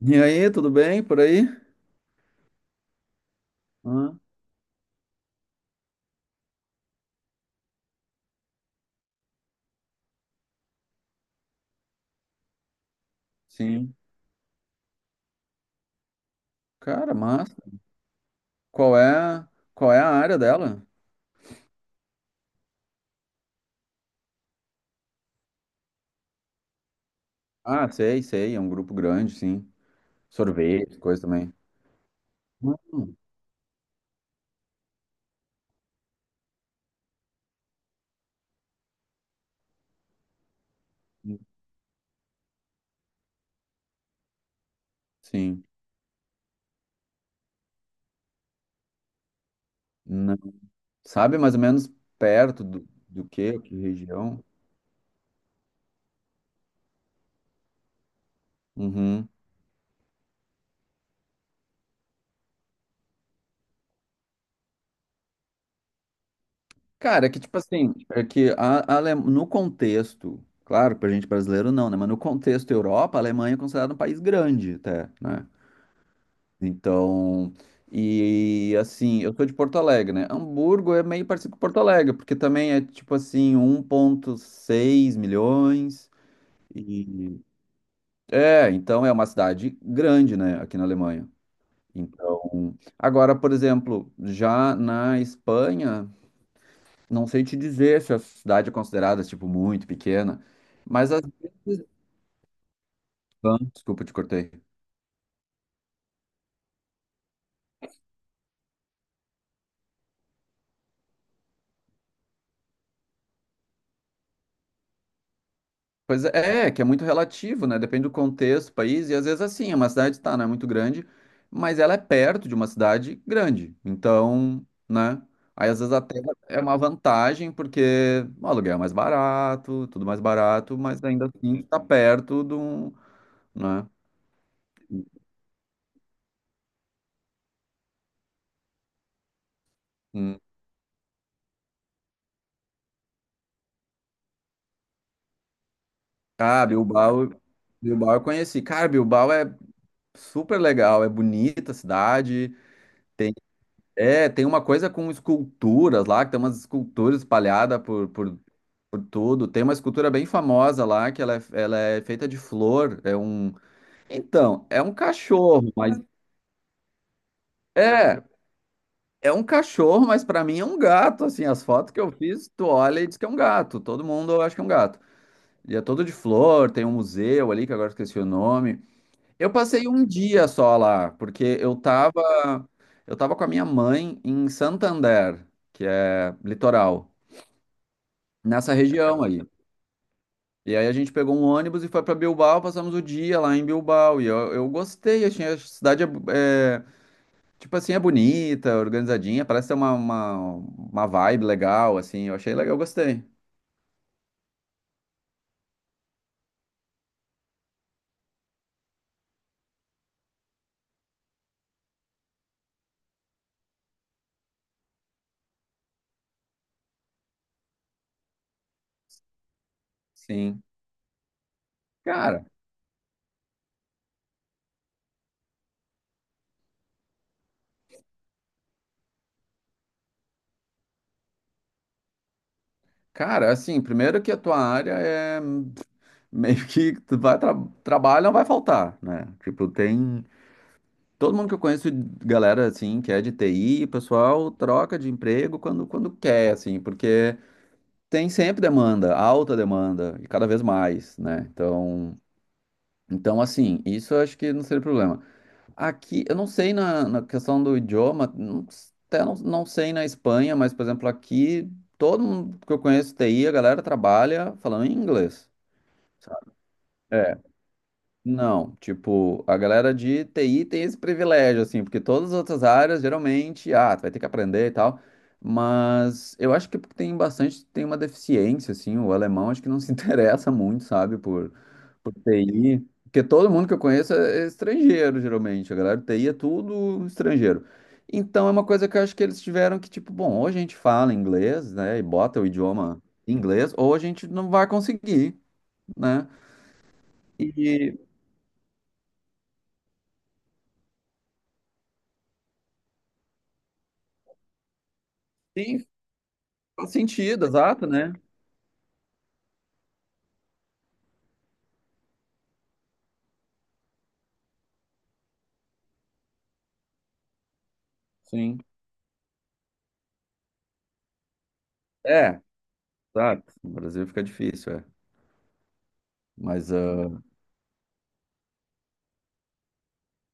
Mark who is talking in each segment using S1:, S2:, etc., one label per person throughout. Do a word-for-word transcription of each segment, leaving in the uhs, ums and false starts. S1: E aí, tudo bem por aí? Ah, sim. Cara, massa. Qual é, qual é a área dela? Ah, sei, sei, é um grupo grande, sim. Sorvete, coisa também. Hum, sim. Não. Sabe mais ou menos perto do, do quê? Que região? Uhum. Cara, é que tipo assim, é que a, a Ale- no contexto, claro, pra gente brasileiro não, né? Mas no contexto Europa, a Alemanha é considerada um país grande até, né? Então, e assim, eu tô de Porto Alegre, né? Hamburgo é meio parecido com Porto Alegre, porque também é tipo assim, um vírgula seis milhões. E é, então é uma cidade grande, né, aqui na Alemanha. Então, agora, por exemplo, já na Espanha, não sei te dizer se a cidade é considerada tipo muito pequena, mas às vezes, ah, desculpa, te cortei. Pois é, é, que é muito relativo, né? Depende do contexto, país, e às vezes assim, é uma cidade tá, não é muito grande, mas ela é perto de uma cidade grande. Então, né? Aí às vezes até é uma vantagem, porque o aluguel é mais barato, tudo mais barato, mas ainda assim tá perto de um, né? Hum. Ah, Bilbao, Bilbao eu conheci. Cara, Bilbao é super legal, é bonita a cidade, tem é, tem uma coisa com esculturas lá, que tem umas esculturas espalhadas por, por Por tudo. Tem uma escultura bem famosa lá, que ela é, ela é feita de flor. É um. Então, é um cachorro, mas. É, é um cachorro, mas pra mim é um gato. Assim, as fotos que eu fiz, tu olha e diz que é um gato. Todo mundo acha que é um gato. E é todo de flor, tem um museu ali, que agora eu esqueci o nome. Eu passei um dia só lá, porque eu tava. Eu tava com a minha mãe em Santander, que é litoral, nessa região aí. E aí a gente pegou um ônibus e foi pra Bilbao, passamos o dia lá em Bilbao. E eu, eu gostei, achei a cidade é, é, tipo assim, é bonita, organizadinha, parece ter uma, uma, uma vibe legal, assim. Eu achei legal, eu gostei. Sim. Cara, cara, assim, primeiro que a tua área é meio que tu vai tra trabalho não vai faltar, né? Tipo, tem todo mundo que eu conheço, galera assim, que é de T I, o pessoal troca de emprego quando quando quer, assim, porque tem sempre demanda, alta demanda, e cada vez mais, né? Então, então assim, isso eu acho que não seria problema. Aqui, eu não sei na, na questão do idioma, não- s- até não, não sei na Espanha, mas, por exemplo, aqui, todo mundo que eu conheço T I, a galera trabalha falando inglês. Sabe? É. Não, tipo, a galera de T I tem esse privilégio, assim, porque todas as outras áreas, geralmente, ah, tu vai ter que aprender e tal, mas eu acho que tem bastante, tem uma deficiência, assim, o alemão acho que não se interessa muito, sabe, por, por T I, porque todo mundo que eu conheço é é estrangeiro, geralmente, a galera de T I é tudo estrangeiro. Então é uma coisa que eu acho que eles tiveram que, tipo, bom, ou a gente fala inglês, né, e bota o idioma em inglês, ou a gente não vai conseguir, né? E, sim, faz sentido, exato, né? Sim. É, exato. No Brasil fica difícil, é. Mas, ah,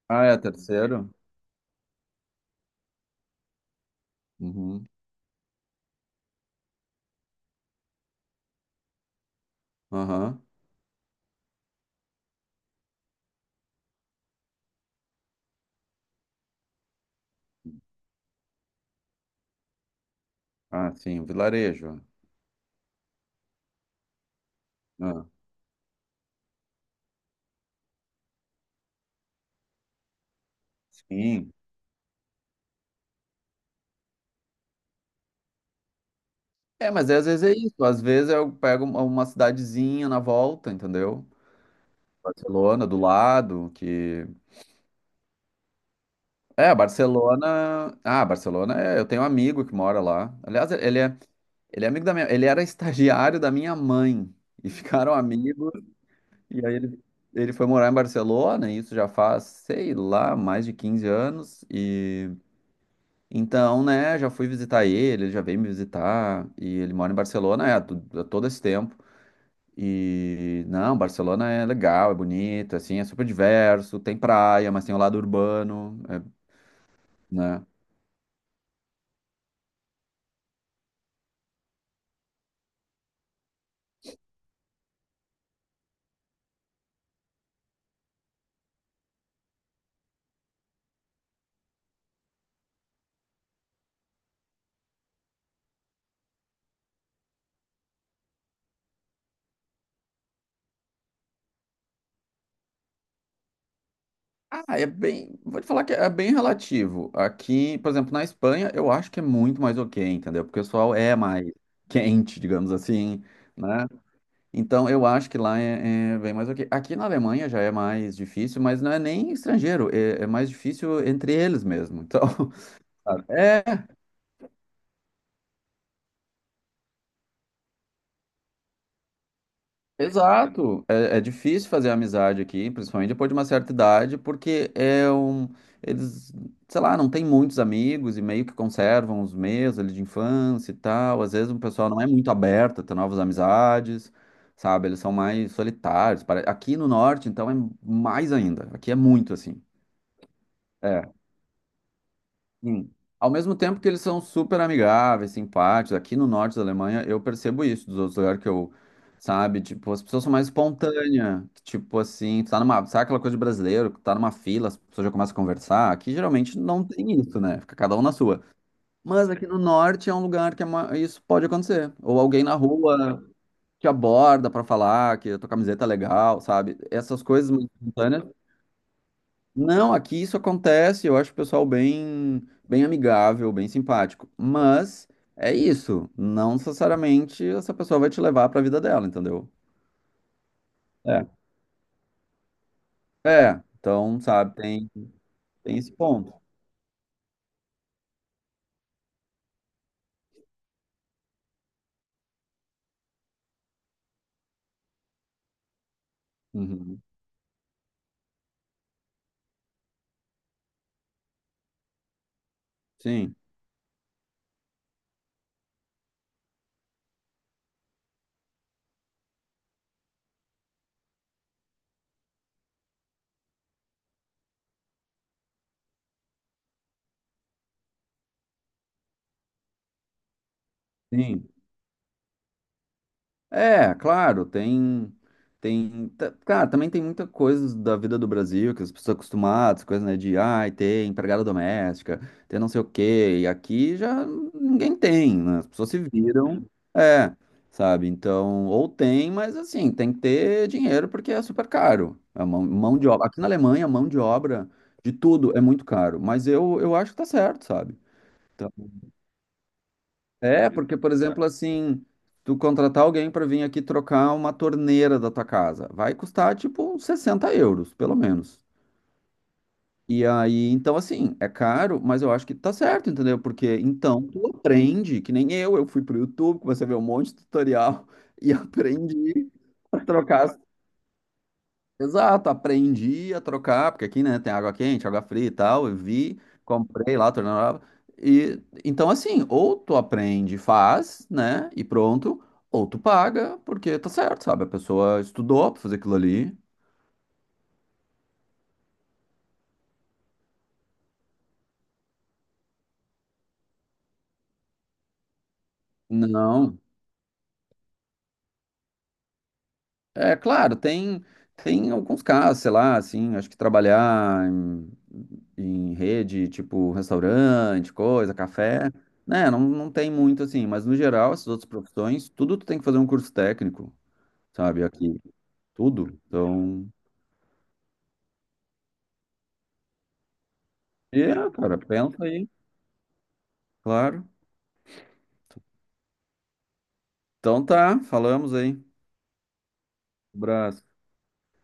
S1: ah, é terceiro? Uhum. Aham. Ah, sim, o vilarejo. Ah, sim. É, mas às vezes é isso. Às vezes eu pego uma uma cidadezinha na volta, entendeu? Barcelona, do lado, que... É, Barcelona... Ah, Barcelona, é... eu tenho um amigo que mora lá. Aliás, ele é, ele é amigo da minha... Ele era estagiário da minha mãe. E ficaram amigos. E aí ele, ele foi morar em Barcelona, e isso já faz, sei lá, mais de quinze anos. E então, né, já fui visitar ele, ele já veio me visitar, e ele mora em Barcelona, é, há tu- há todo esse tempo. E não, Barcelona é legal, é bonito, assim, é super diverso, tem praia, mas tem o lado urbano, é, né? Ah, é bem, vou te falar que é bem relativo. Aqui, por exemplo, na Espanha, eu acho que é muito mais ok, entendeu? Porque o pessoal é mais quente, digamos assim, né? Então, eu acho que lá é, é bem mais ok. Aqui na Alemanha já é mais difícil, mas não é nem estrangeiro, é, é mais difícil entre eles mesmo. Então, claro. É, exato. É, é difícil fazer amizade aqui, principalmente depois de uma certa idade, porque é um, eles, sei lá, não tem muitos amigos e meio que conservam os meus ali de infância e tal. Às vezes o pessoal não é muito aberto a ter novas amizades, sabe? Eles são mais solitários. Pare- Aqui no norte, então, é mais ainda. Aqui é muito assim. É. Sim. Ao mesmo tempo que eles são super amigáveis, simpáticos, aqui no norte da Alemanha, eu percebo isso dos outros lugares que eu, sabe, tipo, as pessoas são mais espontâneas, que, tipo assim, tu tá numa, sabe aquela coisa de brasileiro, que tá numa fila, as pessoas já começam a conversar, aqui geralmente não tem isso, né, fica cada um na sua. Mas aqui no norte é um lugar que é ma- isso pode acontecer, ou alguém na rua te aborda pra falar que a tua camiseta é legal, sabe, essas coisas mais espontâneas não, aqui isso acontece, eu acho o pessoal bem, bem amigável, bem simpático. Mas é isso, não necessariamente essa pessoa vai te levar para a vida dela, entendeu? É. É, então, sabe, tem, tem esse ponto. Uhum. Sim, sim. É, claro, tem, tem, ta- cara, também tem muita coisa da vida do Brasil que as pessoas estão acostumadas, coisa, né, de, ai, ter empregada doméstica, ter não sei o quê, e aqui já ninguém tem, né, as pessoas se viram, é, sabe, então, ou tem, mas assim, tem que ter dinheiro porque é super caro, a mão, mão de obra, aqui na Alemanha, a mão de obra de tudo é muito caro, mas eu, eu acho que tá certo, sabe, então, é, porque, por exemplo, assim, tu contratar alguém para vir aqui trocar uma torneira da tua casa, vai custar tipo uns sessenta euros, pelo menos. E aí, então, assim, é caro, mas eu acho que tá certo, entendeu? Porque então tu aprende, que nem eu, eu fui pro YouTube, comecei a ver um monte de tutorial e aprendi a trocar. Exato, aprendi a trocar, porque aqui, né, tem água quente, água fria e tal, eu vi, comprei lá, torneira, e então assim, ou tu aprende, faz, né, e pronto, ou tu paga, porque tá certo, sabe, a pessoa estudou pra fazer aquilo ali. Não, é claro, tem tem alguns casos, sei lá, assim, acho que trabalhar em, em rede, tipo restaurante, coisa, café, né, não, não tem muito assim, mas no geral, essas outras profissões, tudo tu tem que fazer um curso técnico. Sabe? Aqui, tudo. Então, é, cara, pensa aí, claro. Então tá, falamos aí. Abraço.